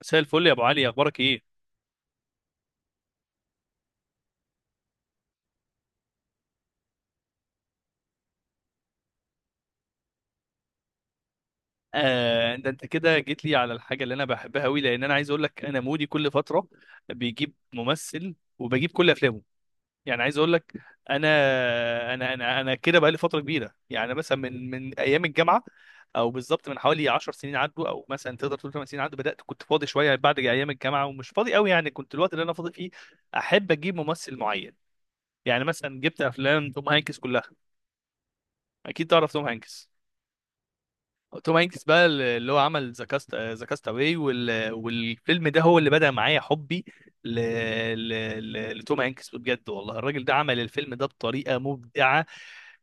مساء الفل يا ابو علي، اخبارك ايه؟ آه، ده انت كده جيت لي على الحاجه اللي انا بحبها قوي. لان انا عايز اقول لك انا مودي كل فتره بيجيب ممثل وبجيب كل افلامه. يعني عايز اقول لك، انا كده بقالي فتره كبيره. يعني مثلا من ايام الجامعه، او بالظبط من حوالي 10 سنين عدوا، او مثلا تقدر تقول 8 سنين عدوا. بدات كنت فاضي شويه بعد ايام الجامعه ومش فاضي قوي. يعني كنت الوقت اللي انا فاضي فيه احب اجيب ممثل معين. يعني مثلا جبت افلام توم هانكس كلها. اكيد تعرف توم هانكس. توم هانكس بقى اللي هو عمل ذا كاست، ذا كاست اواي. والفيلم ده هو اللي بدأ معايا حبي ل... ل... لتوم هانكس. بجد والله الراجل ده عمل الفيلم ده بطريقة مبدعة.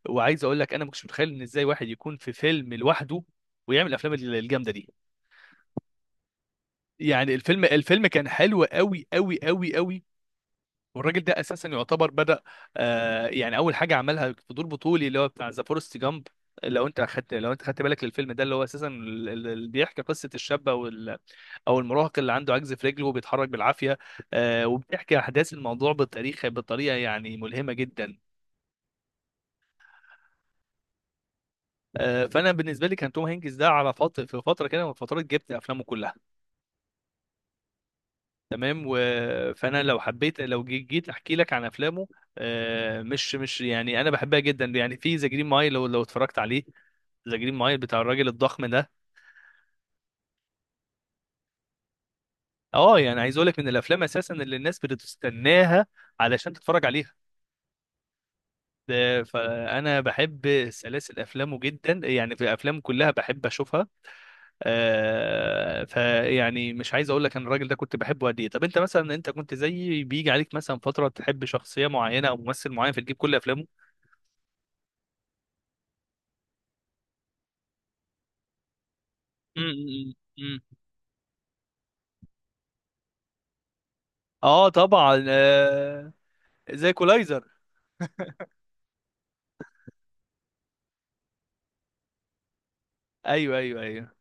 وعايز اقول لك انا ما كنتش متخيل ان ازاي واحد يكون في فيلم لوحده ويعمل الافلام الجامدة دي. يعني الفيلم كان حلو قوي قوي قوي قوي. والراجل ده اساسا يعتبر بدأ، آه، يعني اول حاجة عملها في دور بطولي اللي هو بتاع ذا فورست جامب. لو انت اخدت، لو انت خدت بالك للفيلم ده، اللي هو اساسا اللي بيحكي قصه الشابه او المراهق اللي عنده عجز في رجله وبيتحرك بالعافيه. وبتحكي احداث الموضوع بالتاريخ بطريقه يعني ملهمه جدا. فانا بالنسبه لي كان توم هانكس ده على فتره، في فتره كده من فترات جبت افلامه كلها. تمام. فانا لو حبيت، لو جيت احكي لك عن افلامه، مش يعني، انا بحبها جدا. يعني في ذا جرين مايل، لو اتفرجت عليه، ذا جرين مايل بتاع الراجل الضخم ده. اه، يعني عايز اقول لك، من الافلام اساسا اللي الناس بتستناها علشان تتفرج عليها. فانا بحب سلاسل افلامه جدا. يعني في افلامه كلها بحب اشوفها. فيعني مش عايز اقول لك انا الراجل ده كنت بحبه قد ايه. طب انت مثلا، انت كنت زيي، بيجي عليك مثلا فتره تحب شخصيه معينه او ممثل معين فتجيب كل افلامه؟ م- م- م. اه طبعا، آه، زي كولايزر. ايوه ايوه ايوه.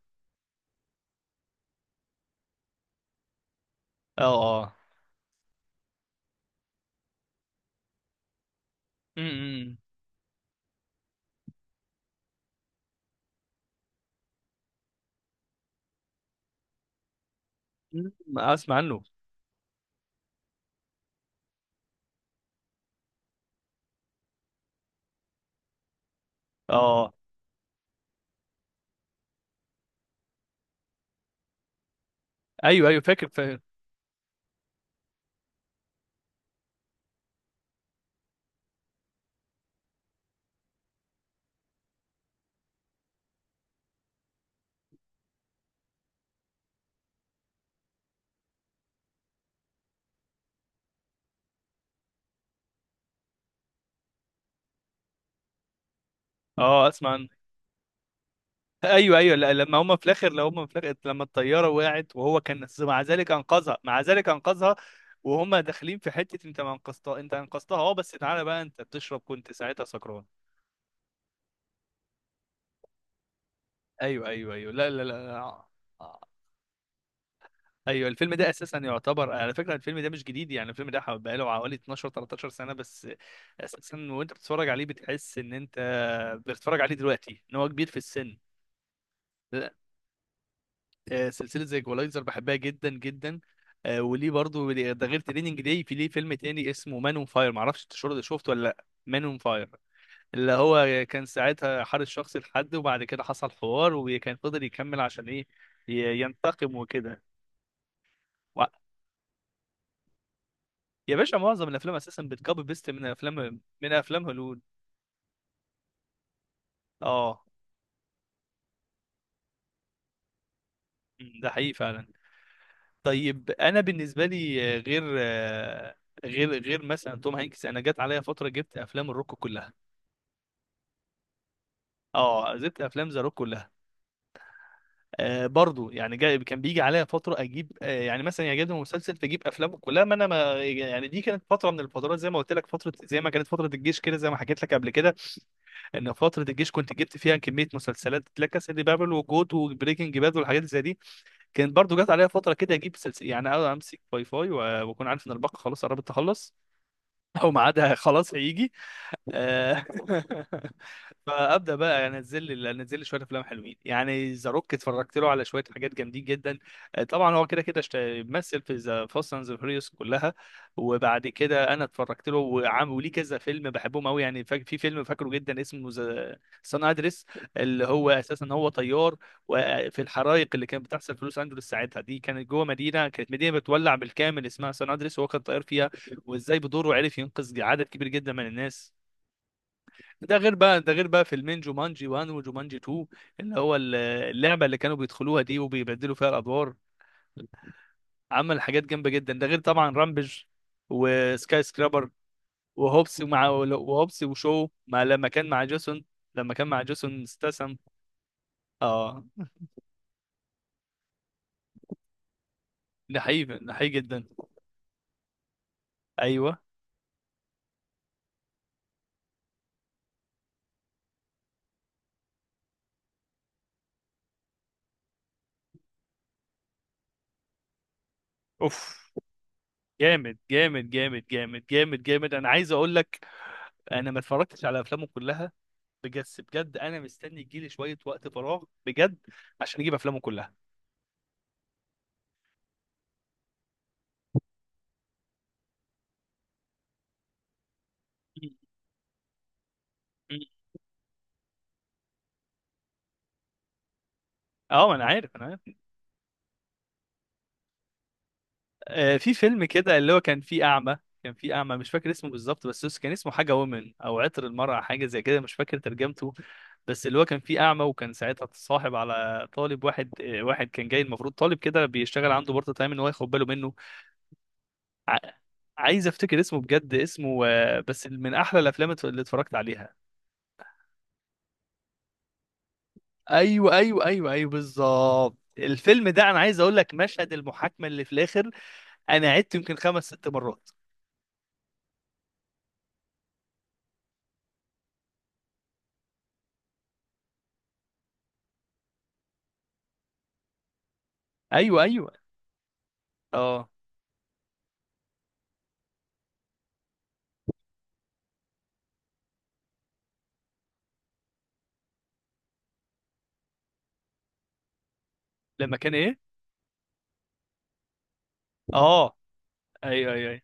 اه اه. م- م- م. اسمع عنه. اه. ايوه ايوه، فاكر فاكر. اه، اسمع عنه. ايوه ايوه، لا، لما هم في الاخر، لو هم في الاخر لما الطياره وقعت وهو كان مع ذلك انقذها، مع ذلك انقذها. وهم داخلين في حته، انت ما انقذتها، انت انقذتها. اه بس تعالى بقى، انت بتشرب كنت ساعتها سكران. ايوه ايوه ايوه، لا لا لا، آه، آه. ايوه، الفيلم ده اساسا يعتبر، على فكره الفيلم ده مش جديد، يعني الفيلم ده بقاله حوالي 12 13 سنه بس اساسا. وانت بتتفرج عليه بتحس ان انت بتتفرج عليه دلوقتي ان هو كبير في السن. سلسله زي ايكولايزر بحبها جدا جدا. وليه برضو، ده غير تريننج داي، في ليه فيلم تاني اسمه مان اون فاير، معرفش انت شفته ولا لا، مان اون فاير. اللي هو كان ساعتها حارس شخصي لحد، وبعد كده حصل حوار وكان فضل يكمل عشان ايه؟ ينتقم وكده. و- يا باشا معظم الافلام اساسا بتكوبي بيست من افلام، من افلام هوليوود. اه. م، ده حقيقي فعلا. طيب انا بالنسبه لي، غير مثلا توم هانكس، انا جت عليا فتره جبت افلام الروك كلها. اه، زبط افلام ذا روك كلها. آه برضو، يعني جاي كان بيجي عليا فتره اجيب، آه يعني مثلا، يعجبني مسلسل فاجيب افلامه كلها. ما انا ما يعني، دي كانت فتره من الفترات زي ما قلت لك، فتره زي ما كانت فتره الجيش كده، زي ما حكيت لك قبل كده. ان فتره الجيش كنت جبت فيها كميه مسلسلات: لا كاسا دي بابل، وجوت، وبريكنج باد، والحاجات زي دي. كانت برضو جت عليا فتره كده اجيب سلسله، يعني أقعد امسك واي فاي واكون عارف ان الباقه خلاص قربت تخلص، او ميعادها خلاص هيجي. آه، فابدا بقى، يعني انزل لي انزل لي شويه افلام حلوين. يعني ذا روك اتفرجت له على شويه حاجات جامدين جدا. طبعا هو كده كده، مثل في ذا فاست اند فيوريوس كلها. وبعد كده انا اتفرجت له وعم، وليه كذا فيلم بحبهم قوي. يعني في فيلم فاكره جدا اسمه ذا سان ادريس، اللي هو اساسا هو طيار. وفي الحرائق اللي كانت بتحصل في لوس انجلوس ساعتها، دي كانت جوه مدينه، كانت مدينه بتولع بالكامل اسمها سان ادريس وهو كان طيار فيها، وازاي بدوره عرف ينقذ عدد كبير جدا من الناس. ده غير بقى فيلمين، جومانجي 1 وجومانجي 2، اللي هو اللعبه اللي كانوا بيدخلوها دي وبيبدلوا فيها الادوار. عمل حاجات جامده جدا. ده غير طبعا رامبج وسكاي سكرابر، وهوبس ومع، وهوبس وشو، مع لما كان مع جيسون، لما كان مع جيسون استسم. اه، ده حقيقي جدا. ايوه. اوف، جامد جامد جامد جامد جامد جامد. انا عايز اقول لك، انا ما اتفرجتش على افلامه كلها. بجد بجد، انا مستني يجيلي شويه وقت فراغ بجد عشان اجيب افلامه كلها. م- م. اه، ما انا عارف، انا عارف. آه، في فيلم كده اللي هو كان فيه اعمى، كان فيه اعمى، مش فاكر اسمه بالظبط، بس كان اسمه حاجه وومن، او عطر المرأة، حاجه زي كده، مش فاكر ترجمته. بس اللي هو كان فيه اعمى، وكان ساعتها اتصاحب على طالب واحد، آه، واحد كان جاي، المفروض طالب كده بيشتغل عنده بارت تايم ان هو ياخد باله منه. ع- عايز افتكر اسمه بجد، اسمه آه، بس من احلى الافلام اللي اتفرجت عليها. ايوه ايوه ايوه ايوه بالظبط. الفيلم ده انا عايز اقول لك، مشهد المحاكمه اللي في الاخر، انا عدت يمكن خمس ست مرات. ايوه ايوه. اه، لما كان ايه؟ اه. ايوه ايوه ايوه.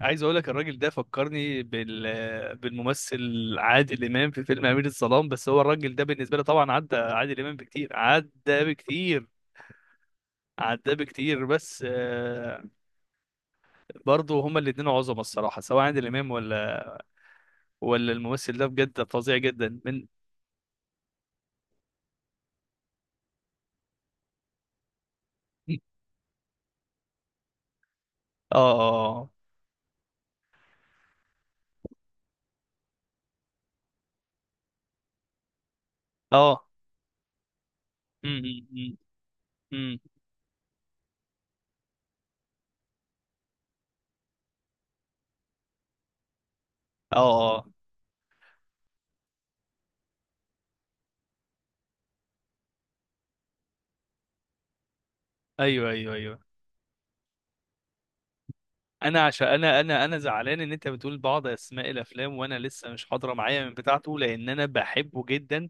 عايز اقول لك الراجل ده فكرني بال، بالممثل عادل امام في فيلم امير الظلام. بس هو الراجل ده بالنسبه لي طبعا عدى عادل امام بكتير، عدى بكتير، عدى بكتير. بس آه، برضه هما الاثنين عظمه الصراحه، سواء عادل امام ولا، ولا الممثل ده، بجد فظيع جدا من. اه اه اه اه. أمم، أمم، أمم. اه اه. ايوه ايوه ايوه. انا عشان، انا انا زعلان ان انت بتقول بعض اسماء الافلام وانا لسه مش حاضره معايا من بتاعته، لان انا بحبه جدا.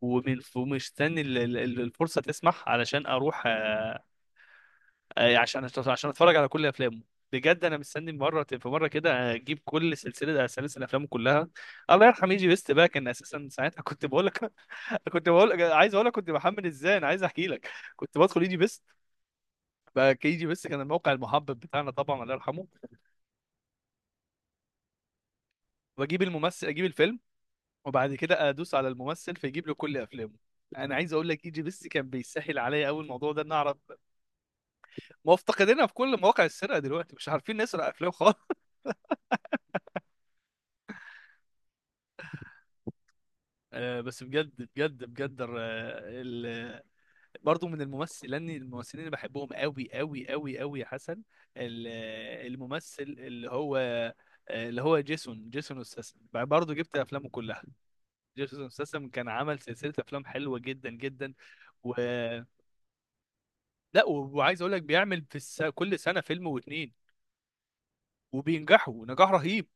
ومن، ومستني الفرصه تسمح علشان اروح. يعني عشان اتفرج على كل افلامه. بجد انا مستني مره في مره كده اجيب كل سلسله، آه، سلاسل افلامه كلها. الله يرحم يجي بيست بقى، كان اساسا ساعتها كنت بقول لك كنت بقول لك عايز اقول لك كنت بحمل ازاي، انا عايز احكي لك. كنت بدخل يجي بيست. بقى يجي بيست كان الموقع المحبب بتاعنا طبعا، الله يرحمه. واجيب الممثل، اجيب الفيلم، وبعد كده ادوس على الممثل فيجيب له كل افلامه. انا عايز اقول لك ايجي بس كان بيسهل عليا قوي الموضوع ده ان اعرف. ما هو افتقدنا في كل مواقع السرقه دلوقتي، مش عارفين نسرق افلام خالص آه بس بجد بجد بجد ال... برضه من الممثلين اللي بحبهم قوي قوي قوي قوي يا حسن. ال- الممثل اللي هو، اللي هو جيسون استسم، برضه جبت افلامه كلها. جيسون استسم كان عمل سلسله افلام حلوه جدا جدا. لا وعايز اقول لك بيعمل في كل سنه فيلم واتنين وبينجحوا نجاح رهيب.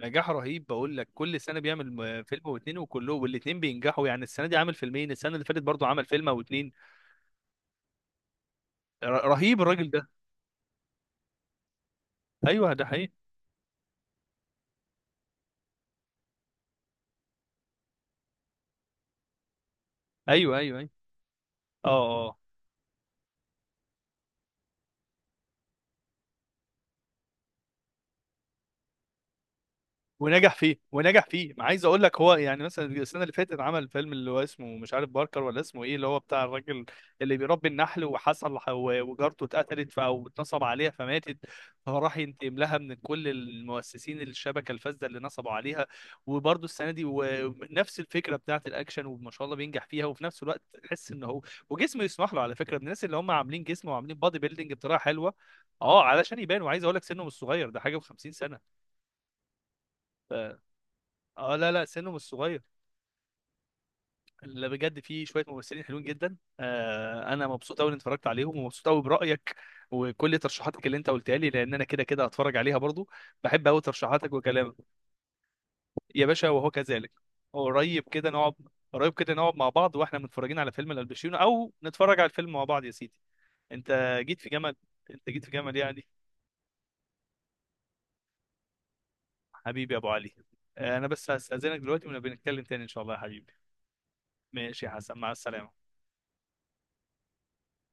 نجاح رهيب، بقول لك كل سنه بيعمل فيلم واتنين، وكلهم، والاتنين بينجحوا. يعني السنه دي عامل فيلمين، السنه اللي فاتت برضو عمل فيلم او اتنين. رهيب الراجل ده. ايوه ده حقيقي. ايوه ايوه ايوه. اه اه. ونجح فيه، ونجح فيه. ما عايز اقول لك هو يعني مثلا السنه اللي فاتت عمل فيلم اللي هو اسمه، مش عارف باركر ولا اسمه ايه، اللي هو بتاع الراجل اللي بيربي النحل وحصل، وجارته اتقتلت، او اتنصب عليها فماتت، فراح ينتقم لها من كل المؤسسين، الشبكه الفاسده اللي نصبوا عليها. وبرده السنه دي ونفس الفكره بتاعت الاكشن وما شاء الله بينجح فيها. وفي نفس الوقت تحس ان هو وجسمه يسمح له على فكره، من الناس اللي هم عاملين جسم وعاملين بادي بيلدينج بطريقه حلوه. اه، علشان يبان. وعايز اقول لك سنه مش صغير ده، حاجه و50 سنه. اه لا لا، سنه مش صغير. اللي بجد فيه شويه ممثلين حلوين جدا. آه انا مبسوط قوي اني اتفرجت عليهم، ومبسوط قوي برايك وكل ترشيحاتك اللي انت قلتها لي، لان انا كده كده هتفرج عليها برضو. بحب قوي ترشيحاتك وكلامك. يا باشا وهو كذلك. قريب كده نقعد، قريب كده نقعد مع بعض واحنا متفرجين على فيلم الباتشينو، او نتفرج على الفيلم مع بعض يا سيدي. انت جيت في جمل، يعني. حبيبي يا ابو علي. آه انا بس هستاذنك دلوقتي ونبقى نتكلم تاني ان شاء الله يا حبيبي. ماشي يا حسن، مع السلامه.